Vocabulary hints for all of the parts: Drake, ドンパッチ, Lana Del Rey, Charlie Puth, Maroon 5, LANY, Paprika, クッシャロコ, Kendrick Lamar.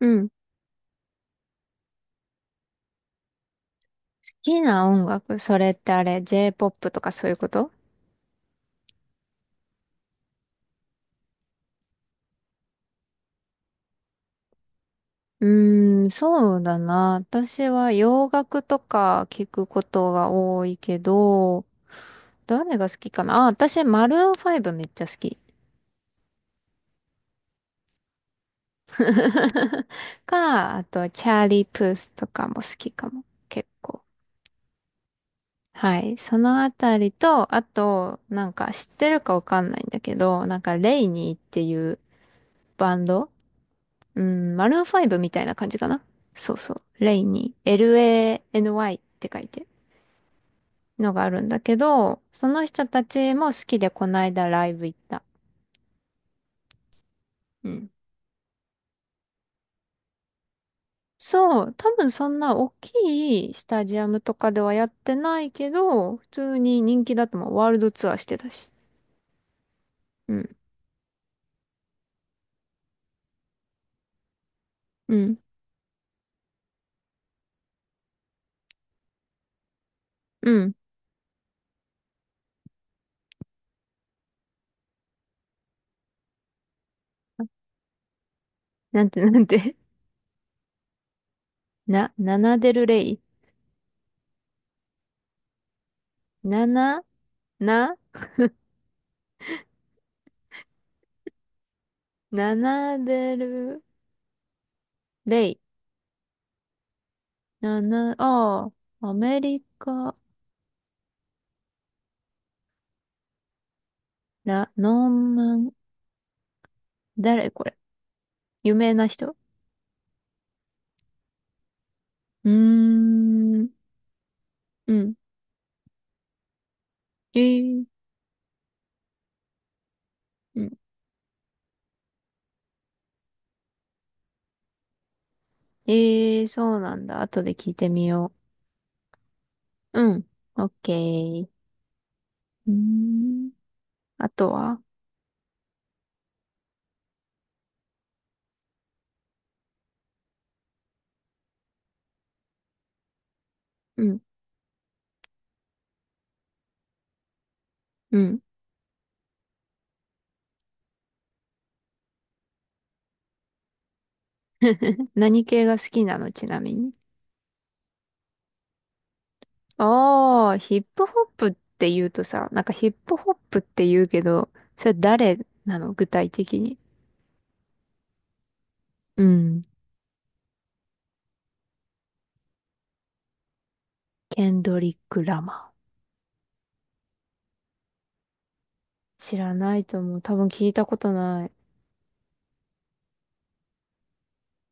うん。好きな音楽、それってあれ、J-POP とかそういうこと？そうだな。私は洋楽とか聞くことが多いけど、誰が好きかなあ、私、マルーン5めっちゃ好き。か、あと、チャーリー・プースとかも好きかも。結構。はい。そのあたりと、あと、なんか知ってるかわかんないんだけど、なんか、レイニーっていうバンド。うん、マルーンファイブみたいな感じかな。そうそう。レイに LANY って書いてのがあるんだけど、その人たちも好きでこないだライブ行った。うん。そう。多分そんな大きいスタジアムとかではやってないけど、普通に人気だと思う。ワールドツアーしてたし。うん。うん。うん。なんて、なんて？ナナデルレイ。ナナ、な、ナナデルレイ。ナナ、ああ。アメリカ、ラ、ノーマン、誰これ？有名な人？うーん、うん。えー、うん。えー、そうなんだ。後で聞いてみよう。うん。オッケー。うーん。あとは、うん、うん。何系が好きなの、ちなみに？ああ、ヒップホップって言うとさ、なんかヒップホップって言うけど、それ誰なの、具体的に？うん。ケンドリック・ラマー。知らないと思う。多分聞いたことない。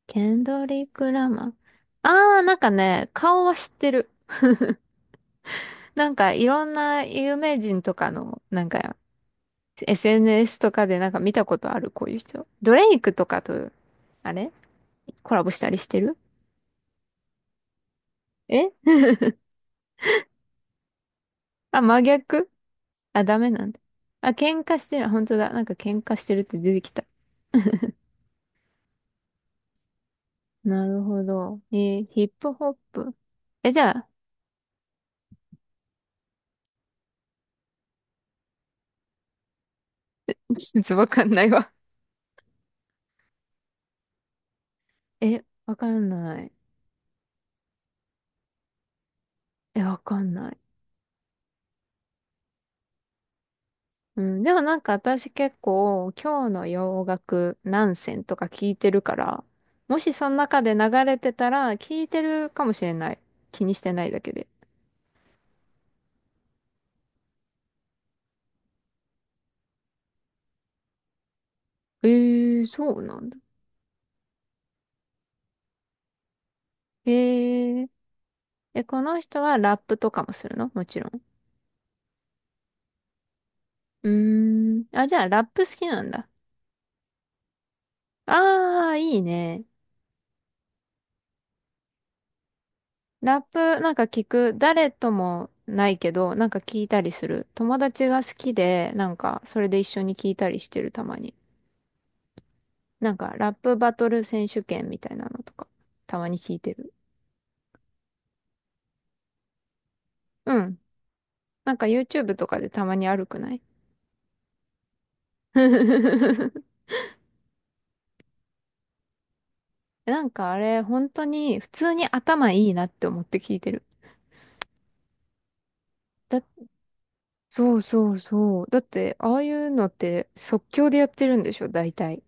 ケンドリック・ラマー。ああ、なんかね、顔は知ってる。なんかいろんな有名人とかの、なんか SNS とかでなんか見たことある、こういう人。ドレイクとかと、あれコラボしたりしてる？え あ、真逆。あ、ダメなんだ。あ、喧嘩してる。本当だ。なんか喧嘩してるって出てきた。なるほど。えーヒップホップ。え、じゃあ、ちょっとわかんないわ。え、わかんない。え、わかんない。うん、でもなんか私結構今日の洋楽何選とか聞いてるから、もしその中で流れてたら聞いてるかもしれない。気にしてないだけで。えー、そうなんだ。えー、え、この人はラップとかもするの、もちろん？うーん。あ、じゃあラップ好きなんだ。あー、いいね。ラップなんか聞く。誰ともないけど、なんか聞いたりする。友達が好きで、なんかそれで一緒に聞いたりしてるたまに。なんか、ラップバトル選手権みたいなのとか、たまに聞いてる。うん。なんか YouTube とかでたまにあるくない？ なんかあれ、本当に普通に頭いいなって思って聞いてる。だ、そうそうそう。だって、ああいうのって即興でやってるんでしょ、大体。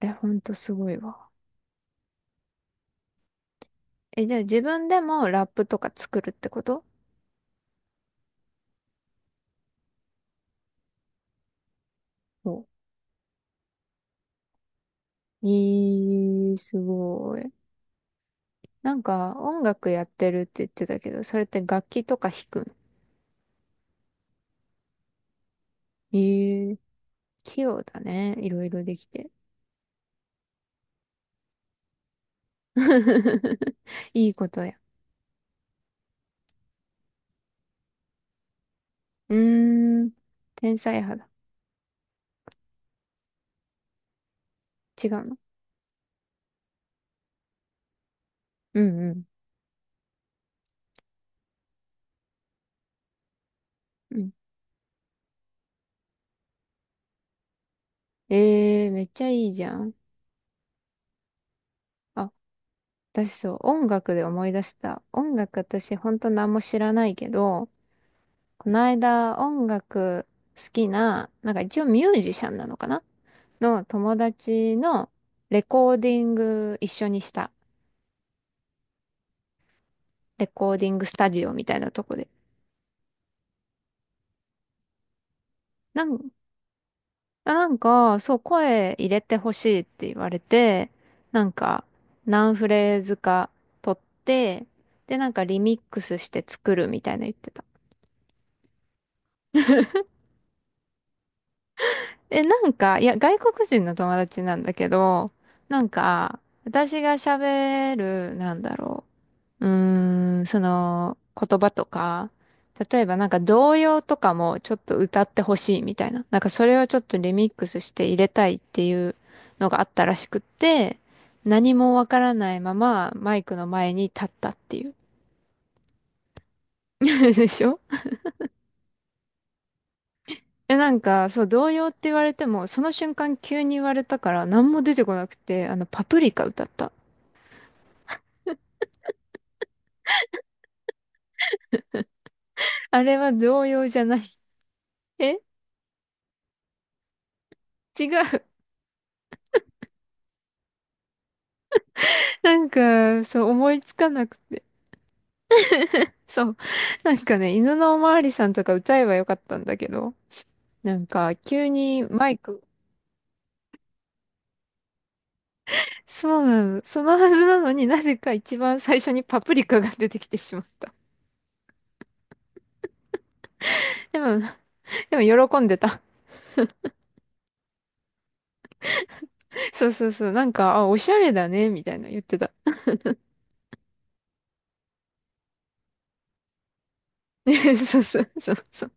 え、ほんとすごいわ。え、じゃあ自分でもラップとか作るってこと？おいい、すごい。なんか音楽やってるって言ってたけど、それって楽器とか弾くん？え、器用だね。いろいろできて。いいことや。うーん。天才派だ。違うの？うんうん。うん。ええー、めっちゃいいじゃん。あ、私そう、音楽で思い出した。音楽私ほんと何も知らないけど、この間音楽好きな、なんか一応ミュージシャンなのかなの友達のレコーディング一緒にした。レコーディングスタジオみたいなとこで。なんやなんか、そう、声入れてほしいって言われて、なんか、何フレーズか取って、で、なんかリミックスして作るみたいな言ってた。え、なんか、いや、外国人の友達なんだけど、なんか、私が喋る、なんだろう。うーん、その言葉とか、例えばなんか童謡とかもちょっと歌ってほしいみたいな。なんかそれをちょっとリミックスして入れたいっていうのがあったらしくって、何もわからないままマイクの前に立ったっていう。でしょ？え、なんか、そう、童謡って言われても、その瞬間急に言われたから何も出てこなくて、あの、パプリカ歌った。あれは童謡じゃない。え、違う。なんか、そう、思いつかなくて。そう。なんかね、犬のおまわりさんとか歌えばよかったんだけど、なんか急にマイク、そうなの、そのはずなのになぜか一番最初にパプリカが出てきてしまった。でも、でも喜んでた。そうそうそう、なんか、あ、おしゃれだね、みたいな言ってた。そうそうそうそう。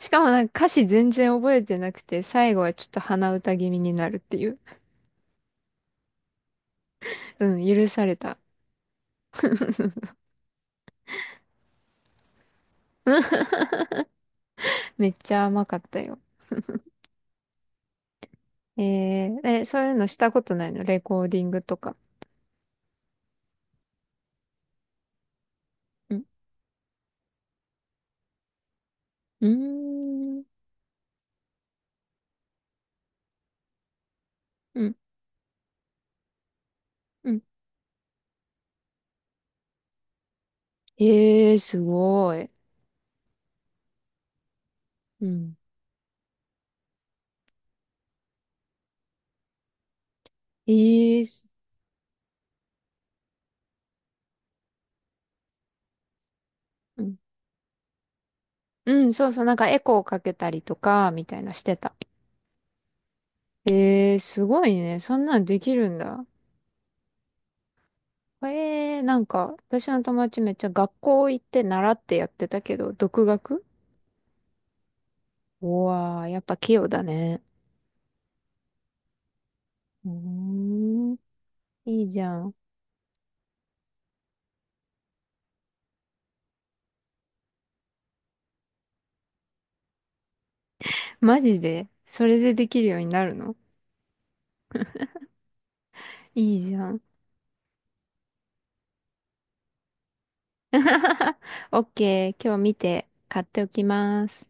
しかもなんか歌詞全然覚えてなくて、最後はちょっと鼻歌気味になるっていう。うん、許された。めっちゃ甘かったよ。えー、え、そういうのしたことないの、レコーディングとか。うーん。うん。うん。ええー、すごい。うん。ええー、す、うん。うん、そうそう。なんかエコーかけたりとか、みたいなしてた。ええー、すごいね。そんなんできるんだ。ええー、なんか、私の友達めっちゃ学校行って習ってやってたけど、独学？うわー、やっぱ器用だね。うーん。いいじゃん。マジでそれでできるようになるの？いいじゃん。オッケー、今日見て買っておきます。